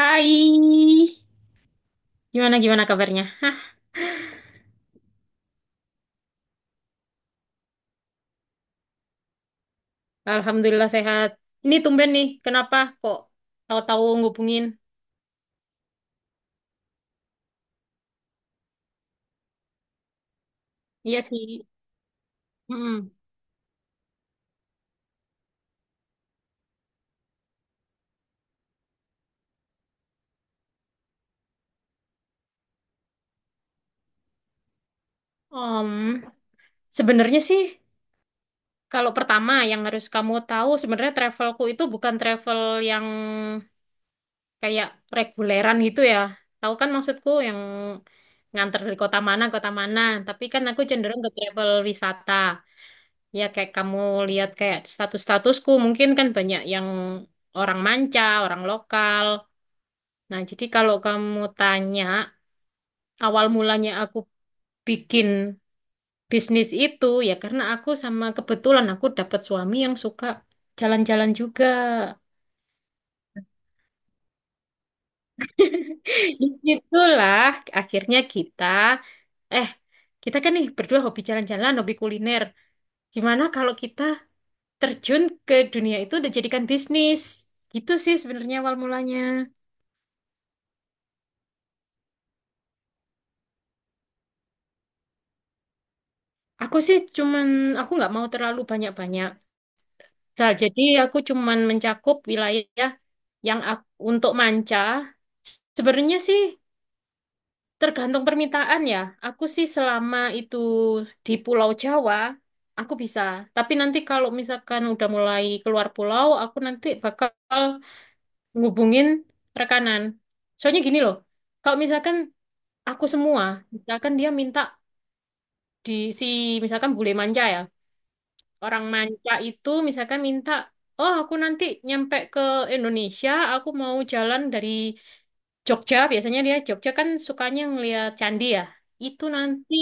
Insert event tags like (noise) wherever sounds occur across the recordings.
Hai, gimana gimana kabarnya? Hah, alhamdulillah sehat. Ini tumben nih, kenapa kok tahu-tahu ngubungin? Iya sih. Mm. Om, sebenarnya sih kalau pertama yang harus kamu tahu sebenarnya travelku itu bukan travel yang kayak reguleran gitu ya. Tahu kan maksudku yang nganter dari kota mana, tapi kan aku cenderung ke travel wisata. Ya kayak kamu lihat kayak status-statusku mungkin kan banyak yang orang manca, orang lokal. Nah, jadi kalau kamu tanya awal mulanya aku bikin bisnis itu ya karena aku sama kebetulan aku dapat suami yang suka jalan-jalan juga. (laughs) Itulah akhirnya eh kita kan nih berdua hobi jalan-jalan, hobi kuliner. Gimana kalau kita terjun ke dunia itu dan jadikan bisnis? Gitu sih sebenarnya awal mulanya. Aku sih cuman, aku nggak mau terlalu banyak-banyak. Jadi aku cuman mencakup wilayah yang ak- untuk manca. Sebenarnya sih tergantung permintaan ya. Aku sih selama itu di Pulau Jawa, aku bisa. Tapi nanti kalau misalkan udah mulai keluar pulau, aku nanti bakal ngubungin rekanan. Soalnya gini loh, kalau misalkan aku semua, misalkan dia minta di si, misalkan bule manca ya. Orang manca itu misalkan minta, oh aku nanti nyampe ke Indonesia, aku mau jalan dari Jogja, biasanya dia Jogja kan sukanya ngeliat candi ya. Itu nanti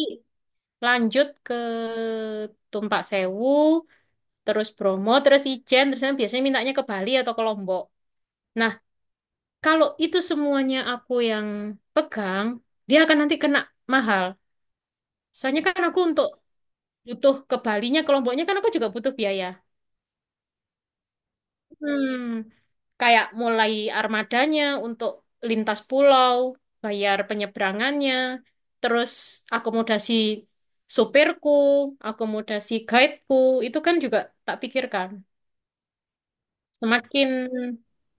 lanjut ke Tumpak Sewu, terus Bromo, terus Ijen, terus nanti biasanya mintanya ke Bali atau ke Lombok. Nah, kalau itu semuanya aku yang pegang, dia akan nanti kena mahal. Soalnya kan aku untuk butuh ke Balinya, ke Lomboknya kan aku juga butuh biaya. Hmm, kayak mulai armadanya untuk lintas pulau, bayar penyeberangannya, terus akomodasi supirku, akomodasi guideku, itu kan juga tak pikirkan. Semakin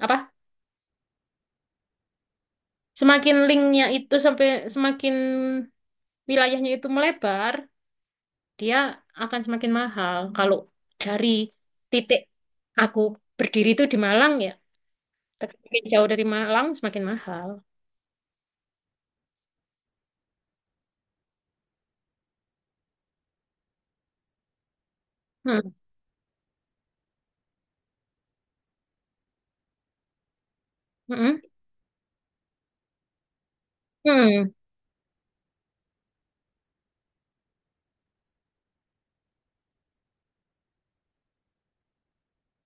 apa? Semakin linknya itu sampai semakin wilayahnya itu melebar, dia akan semakin mahal. Kalau dari titik aku berdiri itu di Malang ya, tapi jauh dari Malang semakin mahal. Hmm. Mm-mm. Hmm,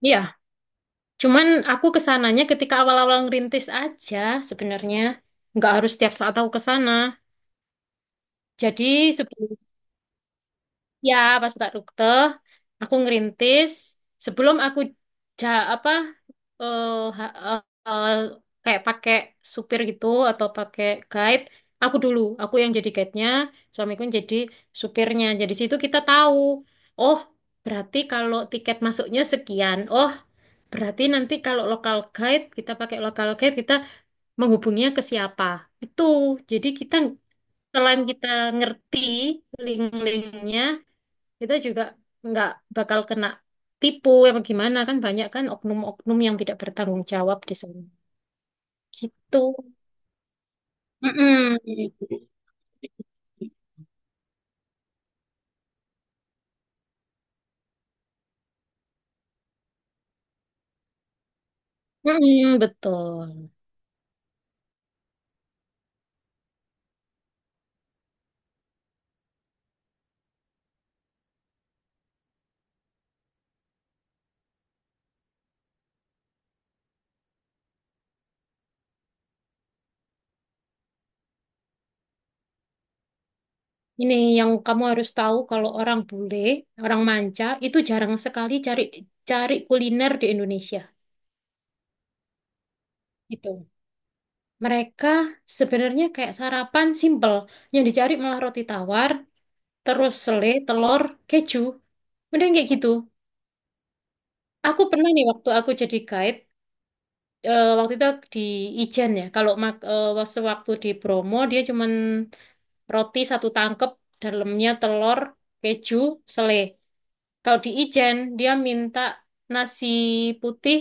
iya. Cuman aku kesananya ketika awal-awal ngerintis aja sebenarnya. Nggak harus setiap saat aku kesana. Jadi sebelum, ya pas buka rute, aku ngerintis. Sebelum aku, ja, apa, eh, ha- eh, eh, kayak pakai supir gitu atau pakai guide, aku dulu, aku yang jadi guide-nya, suamiku yang jadi supirnya. Jadi situ kita tahu, oh berarti kalau tiket masuknya sekian, oh berarti nanti kalau local guide, kita pakai local guide, kita menghubunginya ke siapa? Itu. Jadi selain kita ngerti link-linknya, kita juga nggak bakal kena tipu apa gimana kan banyak kan oknum-oknum yang tidak bertanggung jawab di sana. Gitu. Mm-mm. Mm-mm, betul. Ini yang kamu harus tahu kalau orang bule, orang manca itu jarang sekali cari cari kuliner di Indonesia. Gitu. Mereka sebenarnya kayak sarapan simple. Yang dicari malah roti tawar, terus selai, telur, keju. Mending kayak gitu. Aku pernah nih waktu aku jadi guide, waktu itu di Ijen ya. Sewaktu di Bromo dia cuman roti satu tangkep, dalamnya telur, keju, selai. Kalau di Ijen dia minta nasi putih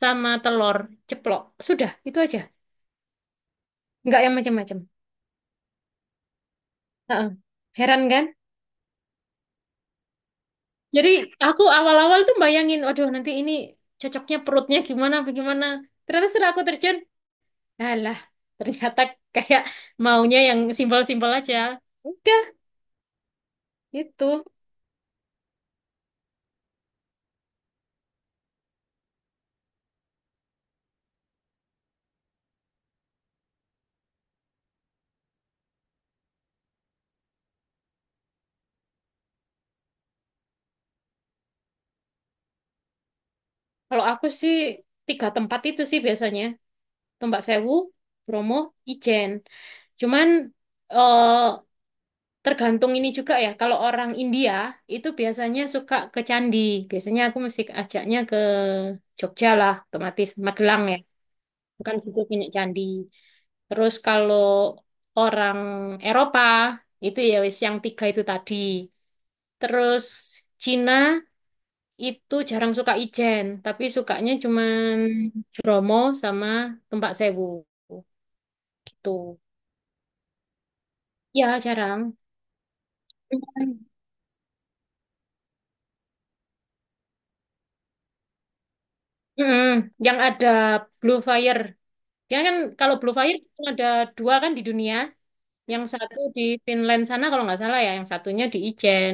sama telur ceplok. Sudah, itu aja. Nggak yang macam-macam. Heeh. Heran kan? Jadi aku awal-awal tuh bayangin, waduh nanti ini cocoknya perutnya gimana, bagaimana. Ternyata setelah aku terjun, alah ternyata kayak maunya yang simpel-simpel aja. Udah gitu. Kalau aku sih tiga tempat itu sih biasanya. Tombak Sewu, Bromo, Ijen. Cuman eh, tergantung ini juga ya. Kalau orang India itu biasanya suka ke candi. Biasanya aku mesti ajaknya ke Jogja lah, otomatis Magelang ya. Bukan situ punya candi. Terus kalau orang Eropa itu ya wis yang tiga itu tadi. Terus Cina itu jarang suka Ijen, tapi sukanya cuman Bromo sama Tumpak Sewu gitu. Ya jarang. Mm-mm. Yang ada Blue Fire. Dia kan kalau Blue Fire cuma ada dua kan di dunia. Yang satu di Finland sana kalau nggak salah ya, yang satunya di Ijen.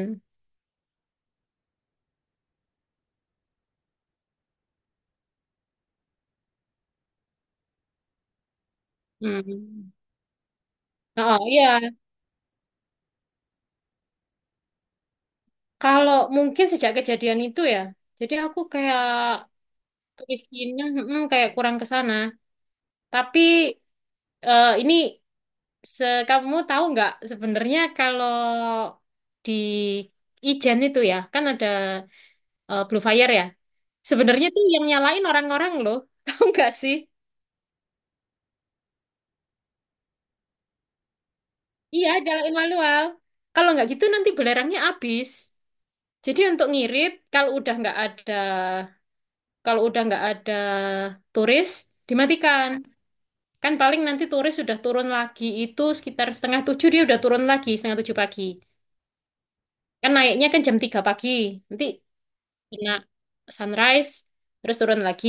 Hmm. Oh iya, kalau mungkin sejak kejadian itu ya, jadi aku kayak miskinnya kayak kurang ke sana. Tapi ini se kamu tahu nggak sebenarnya kalau di Ijen itu ya, kan ada Blue Fire ya. Sebenarnya tuh yang nyalain orang-orang loh, (laughs) tahu nggak sih? Iya, nyalain manual. Kalau nggak gitu nanti belerangnya habis. Jadi untuk ngirit, kalau udah nggak ada turis, dimatikan. Kan paling nanti turis sudah turun lagi itu sekitar setengah tujuh dia udah turun lagi, setengah tujuh pagi. Kan naiknya kan jam tiga pagi. Nanti kena sunrise, terus turun lagi.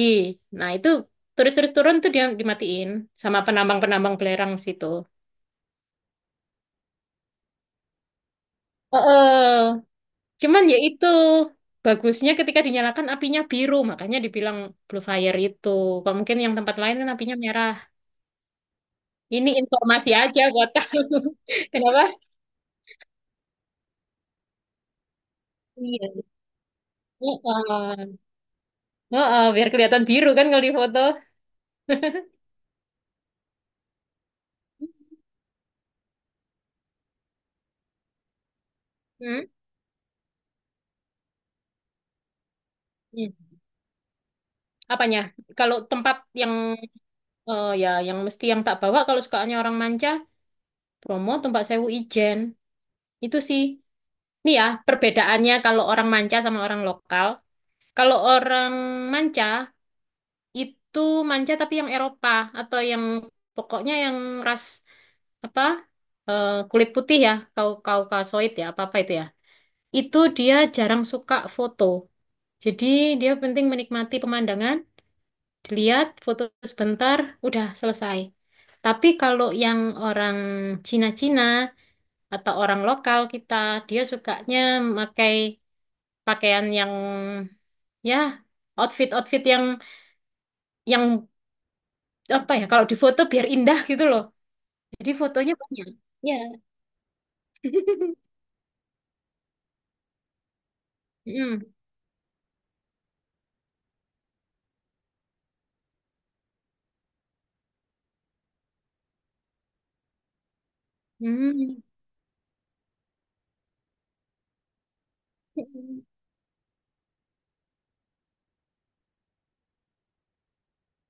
Nah itu turis-turis turun tuh dia dimatiin sama penambang-penambang belerang situ. Heeh. Cuman ya itu bagusnya ketika dinyalakan apinya biru, makanya dibilang blue fire itu. Kok mungkin yang tempat lain kan apinya merah. Ini informasi aja buat kamu. (laughs) Kenapa? Iya. Heeh. Oh, oh, biar kelihatan biru kan kalau di foto. Hmm? Hmm. Apanya? Kalau tempat yang ya yang mesti yang tak bawa kalau sukaannya orang manca, Bromo, Tumpak Sewu, Ijen. Itu sih. Nih ya, perbedaannya kalau orang manca sama orang lokal. Kalau orang manca itu manca tapi yang Eropa atau yang pokoknya yang ras apa? Kulit putih ya, kaukasoid ya, apa-apa itu ya. Itu dia jarang suka foto. Jadi dia penting menikmati pemandangan dilihat foto sebentar udah selesai tapi kalau yang orang Cina-Cina atau orang lokal kita dia sukanya pakai pakaian yang ya outfit outfit yang apa ya kalau di foto biar indah gitu loh jadi fotonya banyak ya. (laughs) Mm. Mm. Mm.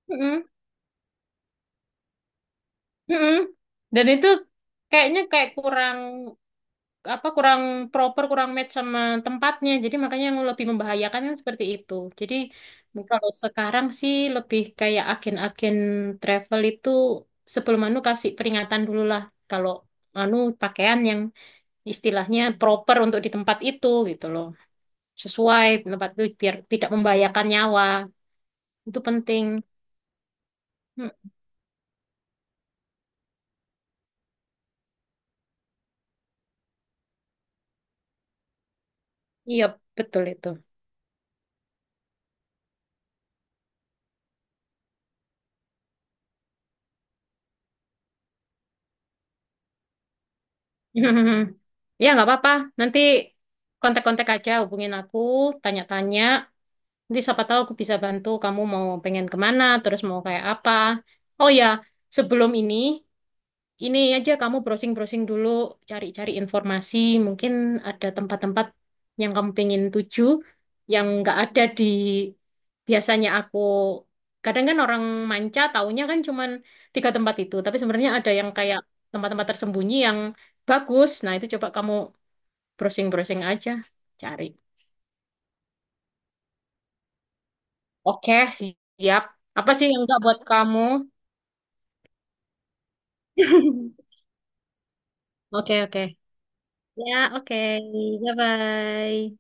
Mm. Mm. (laughs) Dan itu kayaknya kayak kurang apa kurang proper, kurang match sama tempatnya. Jadi makanya yang lebih membahayakan kan seperti itu. Jadi mungkin kalau sekarang sih lebih kayak agen-agen travel itu sebelum anu kasih peringatan dulu lah kalau anu pakaian yang istilahnya proper untuk di tempat itu gitu loh. Sesuai tempat itu biar tidak membahayakan nyawa. Itu penting. Hmm, iya, betul itu. (laughs) Ya, nggak apa-apa. Nanti kontak-kontak aja, hubungin aku, tanya-tanya. Nanti siapa tahu aku bisa bantu kamu mau pengen kemana, terus mau kayak apa. Oh ya, sebelum ini aja kamu browsing-browsing dulu, cari-cari informasi. Mungkin ada tempat-tempat yang kamu pengen tuju, yang nggak ada di biasanya aku. Kadang kan orang manca taunya kan cuman tiga tempat itu, tapi sebenarnya ada yang kayak tempat-tempat tersembunyi yang bagus. Nah itu coba kamu browsing-browsing aja, cari. Oke, siap. Apa sih yang nggak buat kamu? (laughs) Oke, oke. Ya, oke. Bye-bye.